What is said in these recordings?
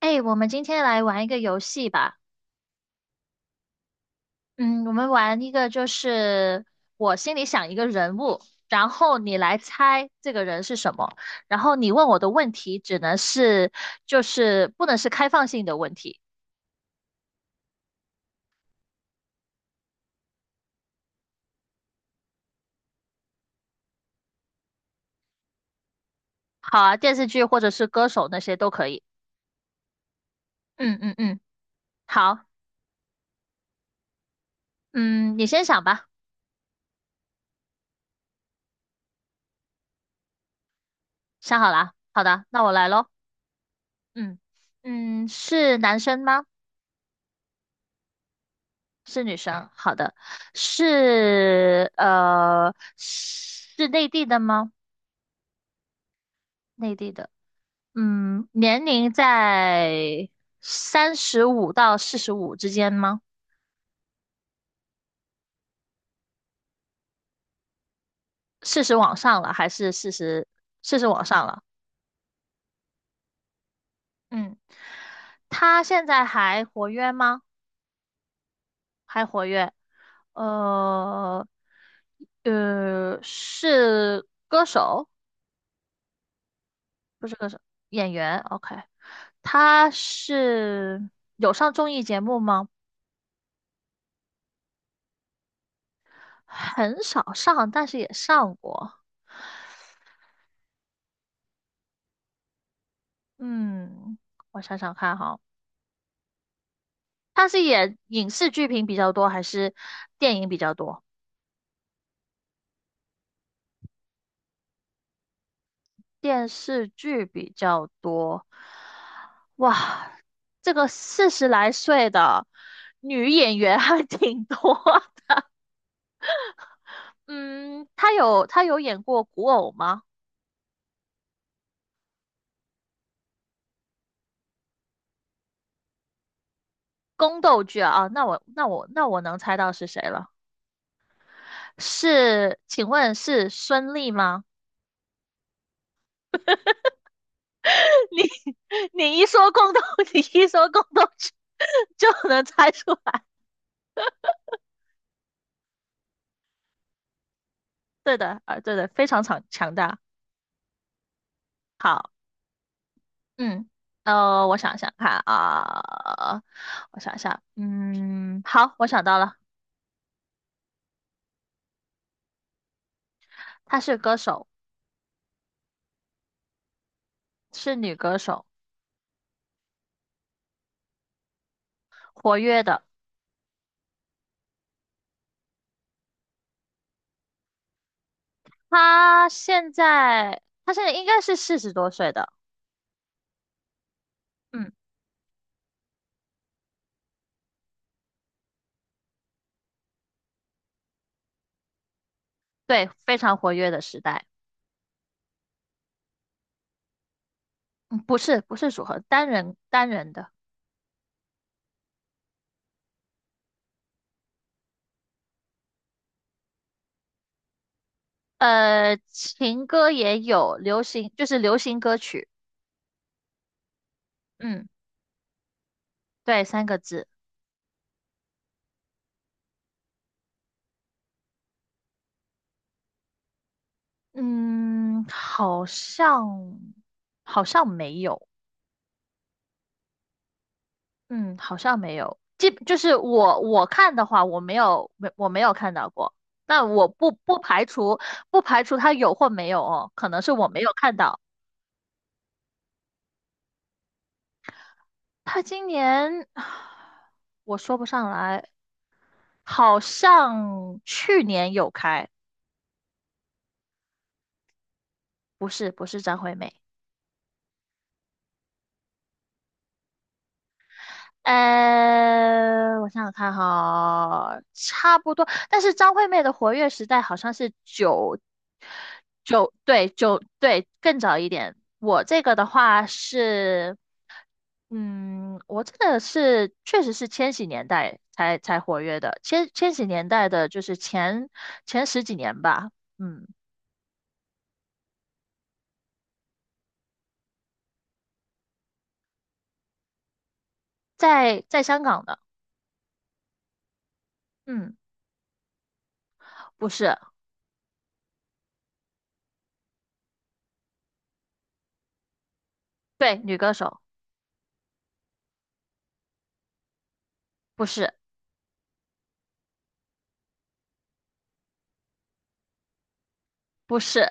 哎，我们今天来玩一个游戏吧。嗯，我们玩一个我心里想一个人物，然后你来猜这个人是什么，然后你问我的问题只能是就是不能是开放性的问题。好啊，电视剧或者是歌手那些都可以。嗯嗯嗯，好，嗯，你先想吧，想好了啊，好的，那我来咯。嗯是男生吗？是女生，好的，是内地的吗？内地的，年龄在三十五到四十五之间吗？四十往上了还是四十？四十往上了，嗯，她现在还活跃吗？还活跃，呃是歌手。不是歌手，演员。OK，他是有上综艺节目吗？很少上，但是也上过。嗯，我想想看哈，他是演影视剧频比较多，还是电影比较多？电视剧比较多。哇，这个40来岁的女演员还挺多的。嗯，她有演过古偶吗？宫斗剧啊，啊，那我能猜到是谁了。是，请问是孙俪吗？你一说宫斗，你一说宫斗剧就能猜出来。对的，啊，对的，非常强大。好，嗯，我想想看啊，我想想，好，我想到了，她是歌手，是女歌手，活跃的。她现在应该是40多岁的，嗯，对，非常活跃的时代。嗯，不是，不是组合，单人单人的。情歌也有，流行歌曲，嗯，对，三个字，嗯，好像没有，嗯，好像没有，就是我看的话，我没有看到过，但我不排除不排除他有或没有哦，可能是我没有看到，他今年 我说不上来，好像去年有开，不是，不是张惠妹。我想想看哈，差不多。但是张惠妹的活跃时代好像是九九，对九对更早一点。我这个的话是，我这个是确实是千禧年代才活跃的，千禧年代的就是前十几年吧，嗯，在香港的，嗯，不是，对，女歌手，不是，不是，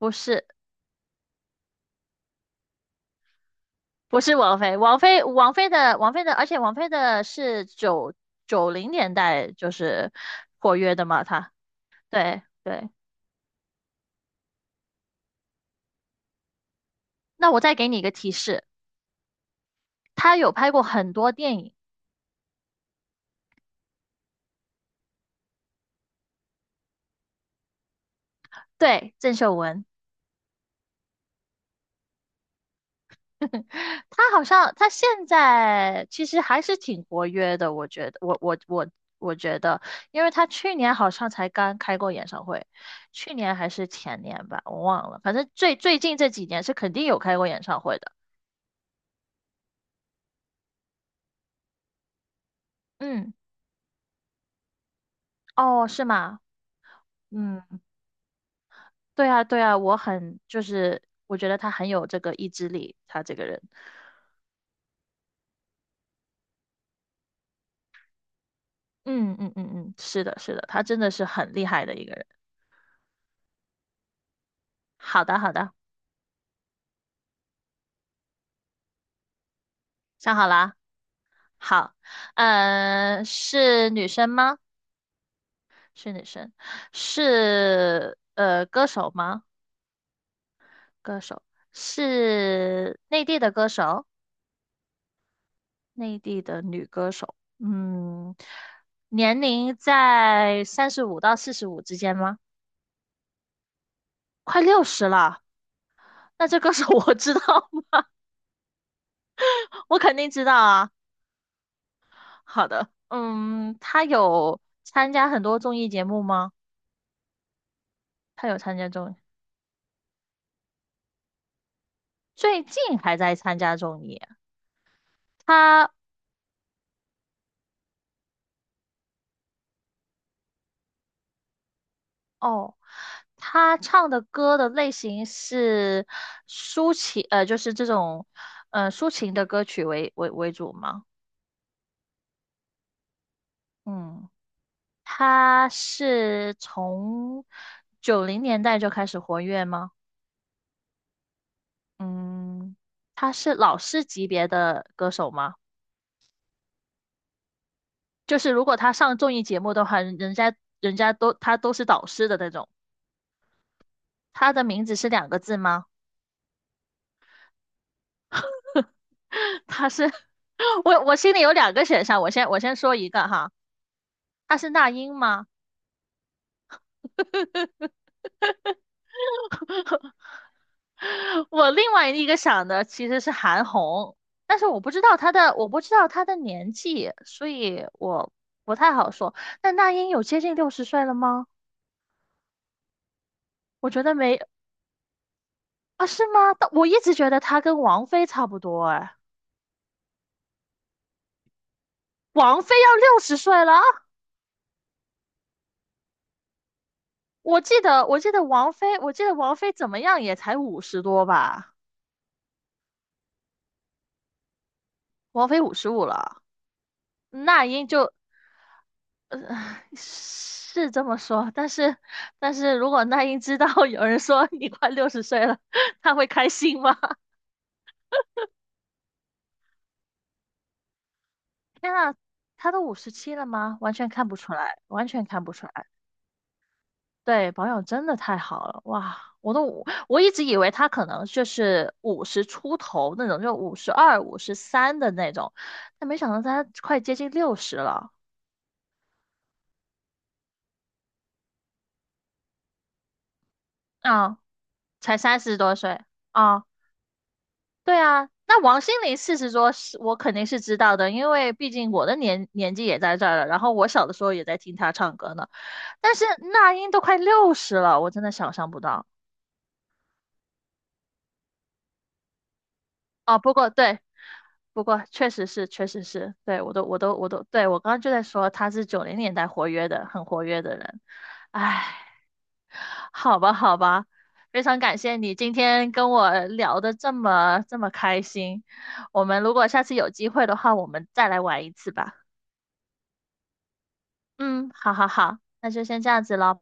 不是。不是王菲，王菲的，而且王菲的是九零年代就是活跃的嘛，她，对对。那我再给你一个提示，她有拍过很多电影，对，郑秀文，她好像她现在其实还是挺活跃的，我觉得，我觉得，因为她去年好像才刚开过演唱会，去年还是前年吧，我忘了，反正最近这几年是肯定有开过演唱会的，嗯，哦，是吗？嗯。对啊，对啊，我觉得他很有这个意志力，他这个人，嗯嗯嗯嗯，是的，是的，他真的是很厉害的一个人。好的，好的，想好了啊，好，是女生吗？是女生，是歌手吗？歌手，是内地的歌手，内地的女歌手，年龄在三十五到四十五之间吗？快六十了，那这歌手 我知道。我肯定知道啊。好的，他有参加很多综艺节目吗？他有参加综艺，最近还在参加综艺啊。他哦，他唱的歌的类型是抒情，就是这种，抒情的歌曲为主吗？嗯，他是从九零年代就开始活跃吗？嗯，他是老师级别的歌手吗？就是如果他上综艺节目的话，人家都他都是导师的那种。他的名字是两个字吗？他是 我心里有两个选项，我先说一个哈，他是那英吗？我另外一个想的其实是韩红，但是我不知道她的年纪，所以我不太好说。那英有接近六十岁了吗？我觉得没啊，是吗？但我一直觉得她跟王菲差不多哎，王菲要六十岁了啊我记得王菲怎么样也才50多吧，王菲55了，那英就，呃，是这么说，但是，如果那英知道 有人说你快六十岁了，她会开心吗？天啊，她都57了吗？完全看不出来，完全看不出来。对，保养真的太好了，哇！我一直以为他可能就是五十出头那种，就52、53的那种，但没想到他快接近六十了，啊，才30多岁啊！对啊，那王心凌四十多是，我肯定是知道的，因为毕竟我的年纪也在这儿了，然后我小的时候也在听她唱歌呢。但是那英都快六十了，我真的想象不到。哦，不过对，不过确实是，确实是，对，我都，我都，我都，对，我刚刚就在说他是九零年代活跃的，很活跃的人。唉，好吧，好吧，非常感谢你今天跟我聊的这么这么开心。我们如果下次有机会的话，我们再来玩一次吧。嗯，好好好，那就先这样子喽。